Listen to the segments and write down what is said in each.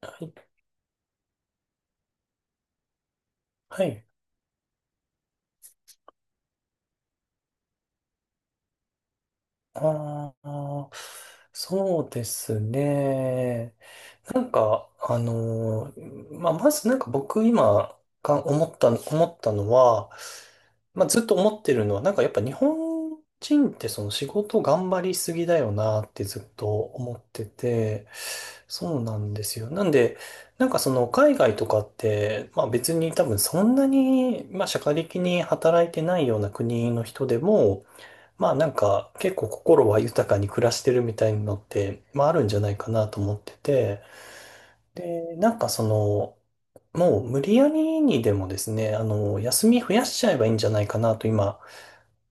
はい。はい。ああ、そうですね。なんか、あのーまあ、まずなんか僕今か思った、思ったのは、まあ、ずっと思ってるのは、なんかやっぱ日本人ってその仕事頑張りすぎだよなってずっと思ってて、そうなんですよ。なんで、その海外とかって、まあ別に多分そんなに、まあ社会的に働いてないような国の人でも、まあ結構心は豊かに暮らしてるみたいなのって、まああるんじゃないかなと思ってて、で、もう無理やりにでもですね、あの、休み増やしちゃえばいいんじゃないかなと今、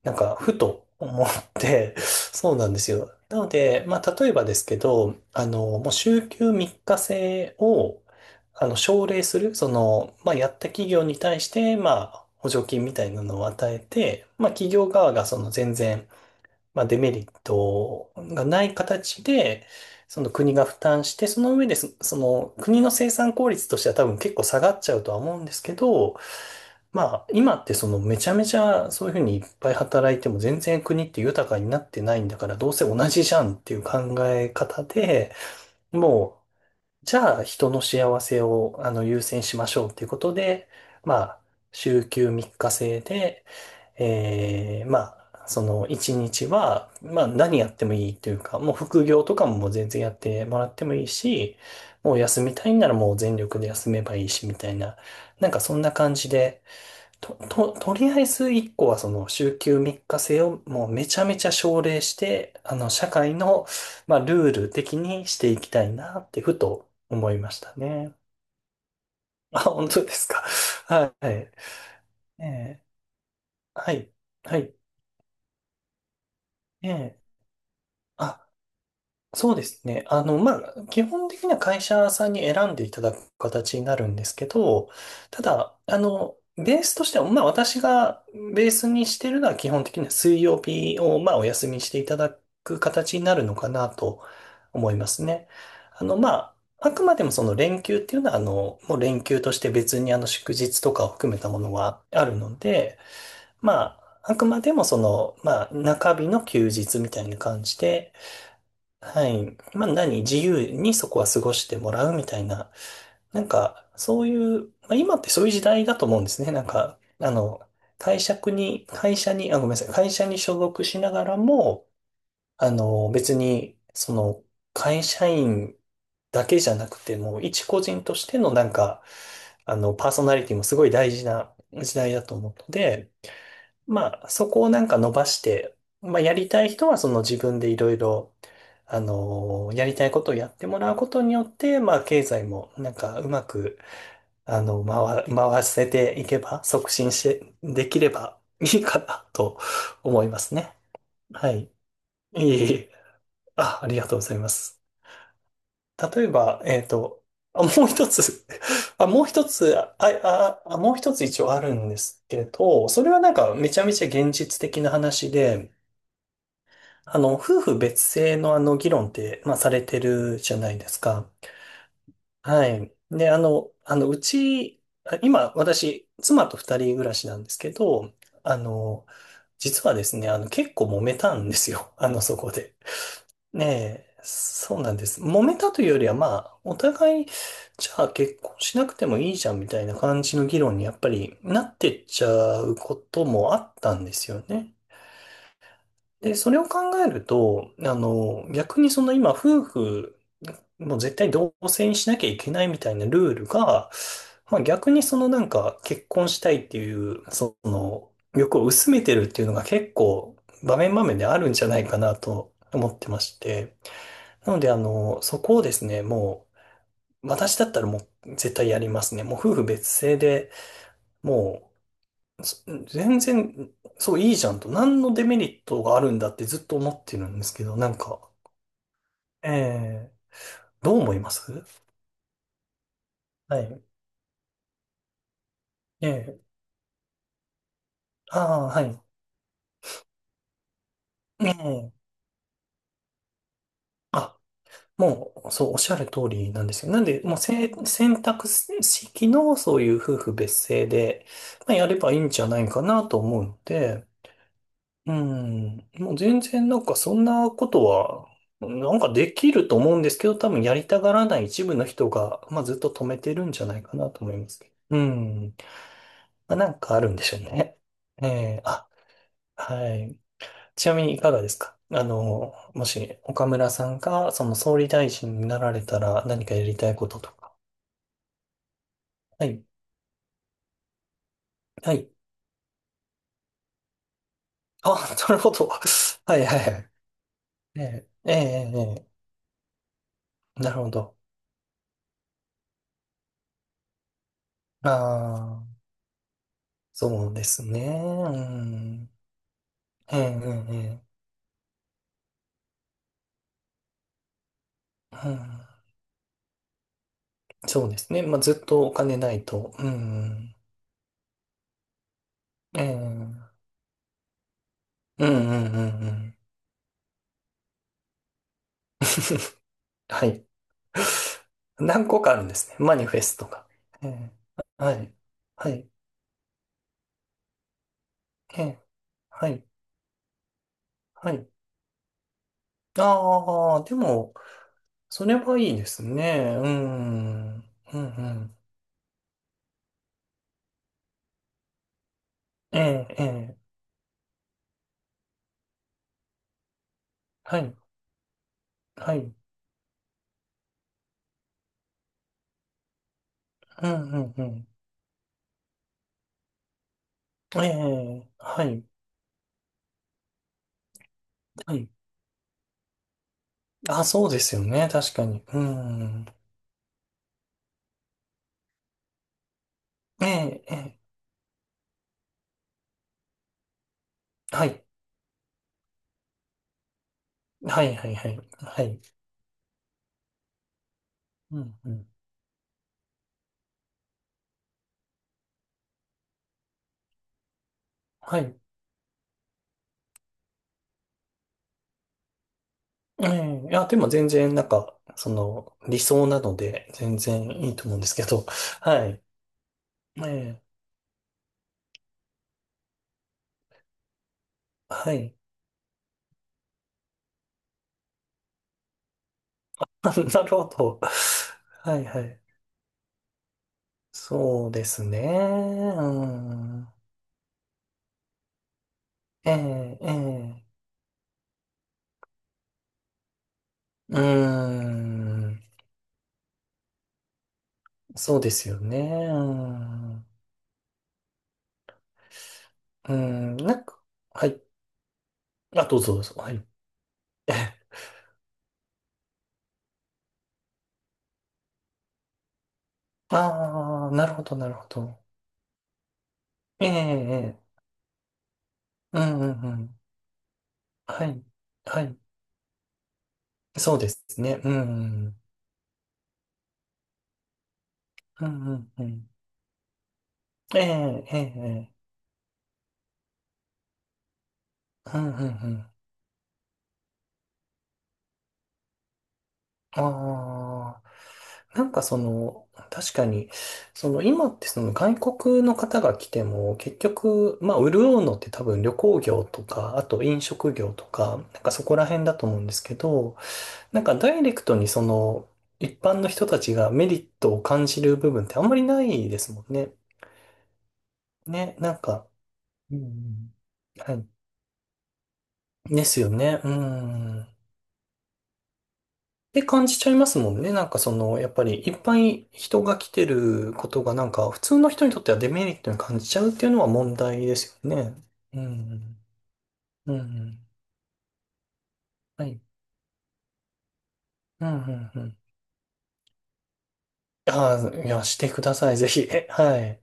ふと思って、そうなんですよ。なので、まあ例えばですけど、あの、もう週休3日制を、あの、奨励する、その、まあやった企業に対して、まあ補助金みたいなのを与えて、まあ企業側がその全然、まあ、デメリットがない形で、その国が負担して、その上でその国の生産効率としては多分結構下がっちゃうとは思うんですけど、まあ、今ってそのめちゃめちゃそういうふうにいっぱい働いても全然国って豊かになってないんだから、どうせ同じじゃんっていう考え方で、もうじゃあ人の幸せをあの優先しましょうということで、まあ、週休3日制で、まあ、その1日は、まあ何やってもいいというか、もう副業とかももう全然やってもらってもいいし、もう休みたいんならもう全力で休めばいいしみたいな、そんな感じで、とりあえず一個はその週休3日制をもうめちゃめちゃ奨励して、あの、社会の、まあ、ルール的にしていきたいなってふと思いましたね。あ、本当ですか。はい。ええ、はい。はい。ええ、あ、そうですね。あの、まあ、基本的には会社さんに選んでいただく形になるんですけど、ただ、あの、ベースとしては、まあ、私がベースにしてるのは基本的には水曜日を、まあ、お休みしていただく形になるのかなと思いますね。あの、まあ、あくまでもその連休っていうのは、あの、もう連休として別にあの祝日とかを含めたものはあるので、まあ、あくまでもその、まあ、中日の休日みたいな感じで、はい。まあ何、自由にそこは過ごしてもらうみたいな。そういう、まあ今ってそういう時代だと思うんですね。なんか、あの、会社に、会社に、あ、ごめんなさい、会社に所属しながらも、あの、別に、その、会社員だけじゃなくて、もう一個人としてのあの、パーソナリティもすごい大事な時代だと思うので、まあ、そこをなんか伸ばして、まあ、やりたい人はその自分でいろいろ、あのーやりたいことをやってもらうことによって、まあ、経済もなんかうまく、あの、回せていけば、促進して、できれば いいかなと思いますね。はい。いえいえ。あ、ありがとうございます。例えば、えっと、あ、もう一つ もう一つ一応あるんですけれど、それはなんかめちゃめちゃ現実的な話で、あの、夫婦別姓のあの議論って、まあ、されてるじゃないですか。はい。で、あ今、私、妻と二人暮らしなんですけど、あの、実はですね、あの、結構揉めたんですよ。あの、そこで。ねえ、そうなんです。揉めたというよりは、まあ、お互い、じゃあ結婚しなくてもいいじゃんみたいな感じの議論にやっぱりなってっちゃうこともあったんですよね。で、それを考えると、あの、逆にその今、夫婦もう絶対同棲にしなきゃいけないみたいなルールが、まあ逆にそのなんか結婚したいっていう、その欲を薄めてるっていうのが結構場面場面であるんじゃないかなと思ってまして。なのであの、そこをですね、もう私だったらもう絶対やりますね。もう夫婦別姓で、もうす全然、そういいじゃんと、何のデメリットがあるんだってずっと思ってるんですけど、なんか、ええ、どう思います？はい。ええ、ああー、はい。ええ、あ、もう、そう、おっしゃる通りなんですよ。なんで、もう、選択式の、そういう夫婦別姓で、まあ、やればいいんじゃないかなと思うので、うん。もう全然なんかそんなことは、なんかできると思うんですけど、多分やりたがらない一部の人が、まあずっと止めてるんじゃないかなと思いますけど。うん。まあなんかあるんでしょうね。ええ、あ、はい。ちなみにいかがですか、あの、もし岡村さんがその総理大臣になられたら何かやりたいこととか。はい。はい。あ、なるほど。はいはいはい。ええ、ええ、ええ、ええ、なるほど。ああ。そうですね。うん。ええ。うん、ええ、うん、そうですね。まあ、ずっとお金ないと。うん。うん。うん、うん、うん。うん、はい。何個かあるんですね。マニフェストが。ええ、はい。はい。ええ、はい。はい。ああ、でも、それはいいですね。うん。うん、うん。ええ、ええ、はい。はい。うん、うん、うん。ええ、はい。はい。あ、そうですよね。確かに。うん。ええ、ええ。はい。はい、はい、はい。はい。うん、うん。はい。ええ、いや、でも全然、なんか、その、理想なので、全然いいと思うんですけど。はい。ええ、はい。なるほど。はい、はい。そうですね。うん。ええ、ええ。うーん。そうですよね。うーん。うーん。なんか、はい。あ、どうぞ、どうぞ。はい。ああ、なるほど、なるほど。ええ、ええ、うんうんうん。はい、はい。そうですね。うん、うん、うん、うんうん。ええ、ええ、ええ、うん、うん、うん。ああ、なんかその、確かに、その今ってその外国の方が来ても、結局、まあ、潤うのって多分旅行業とか、あと飲食業とか、なんかそこら辺だと思うんですけど、なんかダイレクトにその一般の人たちがメリットを感じる部分ってあんまりないですもんね。ね、なんか、うんうん、はい。ですよね。うん。って感じちゃいますもんね。なんかその、やっぱりいっぱい人が来てることがなんか普通の人にとってはデメリットに感じちゃうっていうのは問題ですよね。うん。うん。はい。うん。うんうん。ああ、いや、してください。ぜひ。え、はい。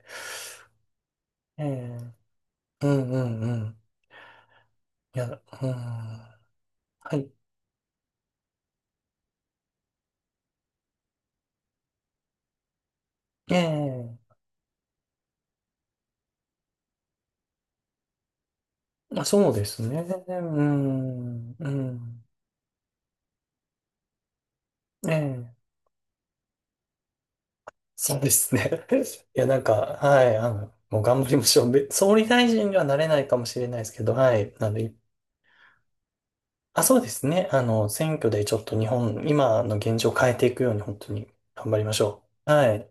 ええ、うんうんうん。いや、うん。はい。ええ、あ、そうですね。うん、うん。ええ、そうですね。いや、なんか、はい、あの、もう頑張りましょう。総理大臣にはなれないかもしれないですけど、はい。なので、あ、そうですね。あの、選挙でちょっと日本、今の現状を変えていくように、本当に頑張りましょう。はい。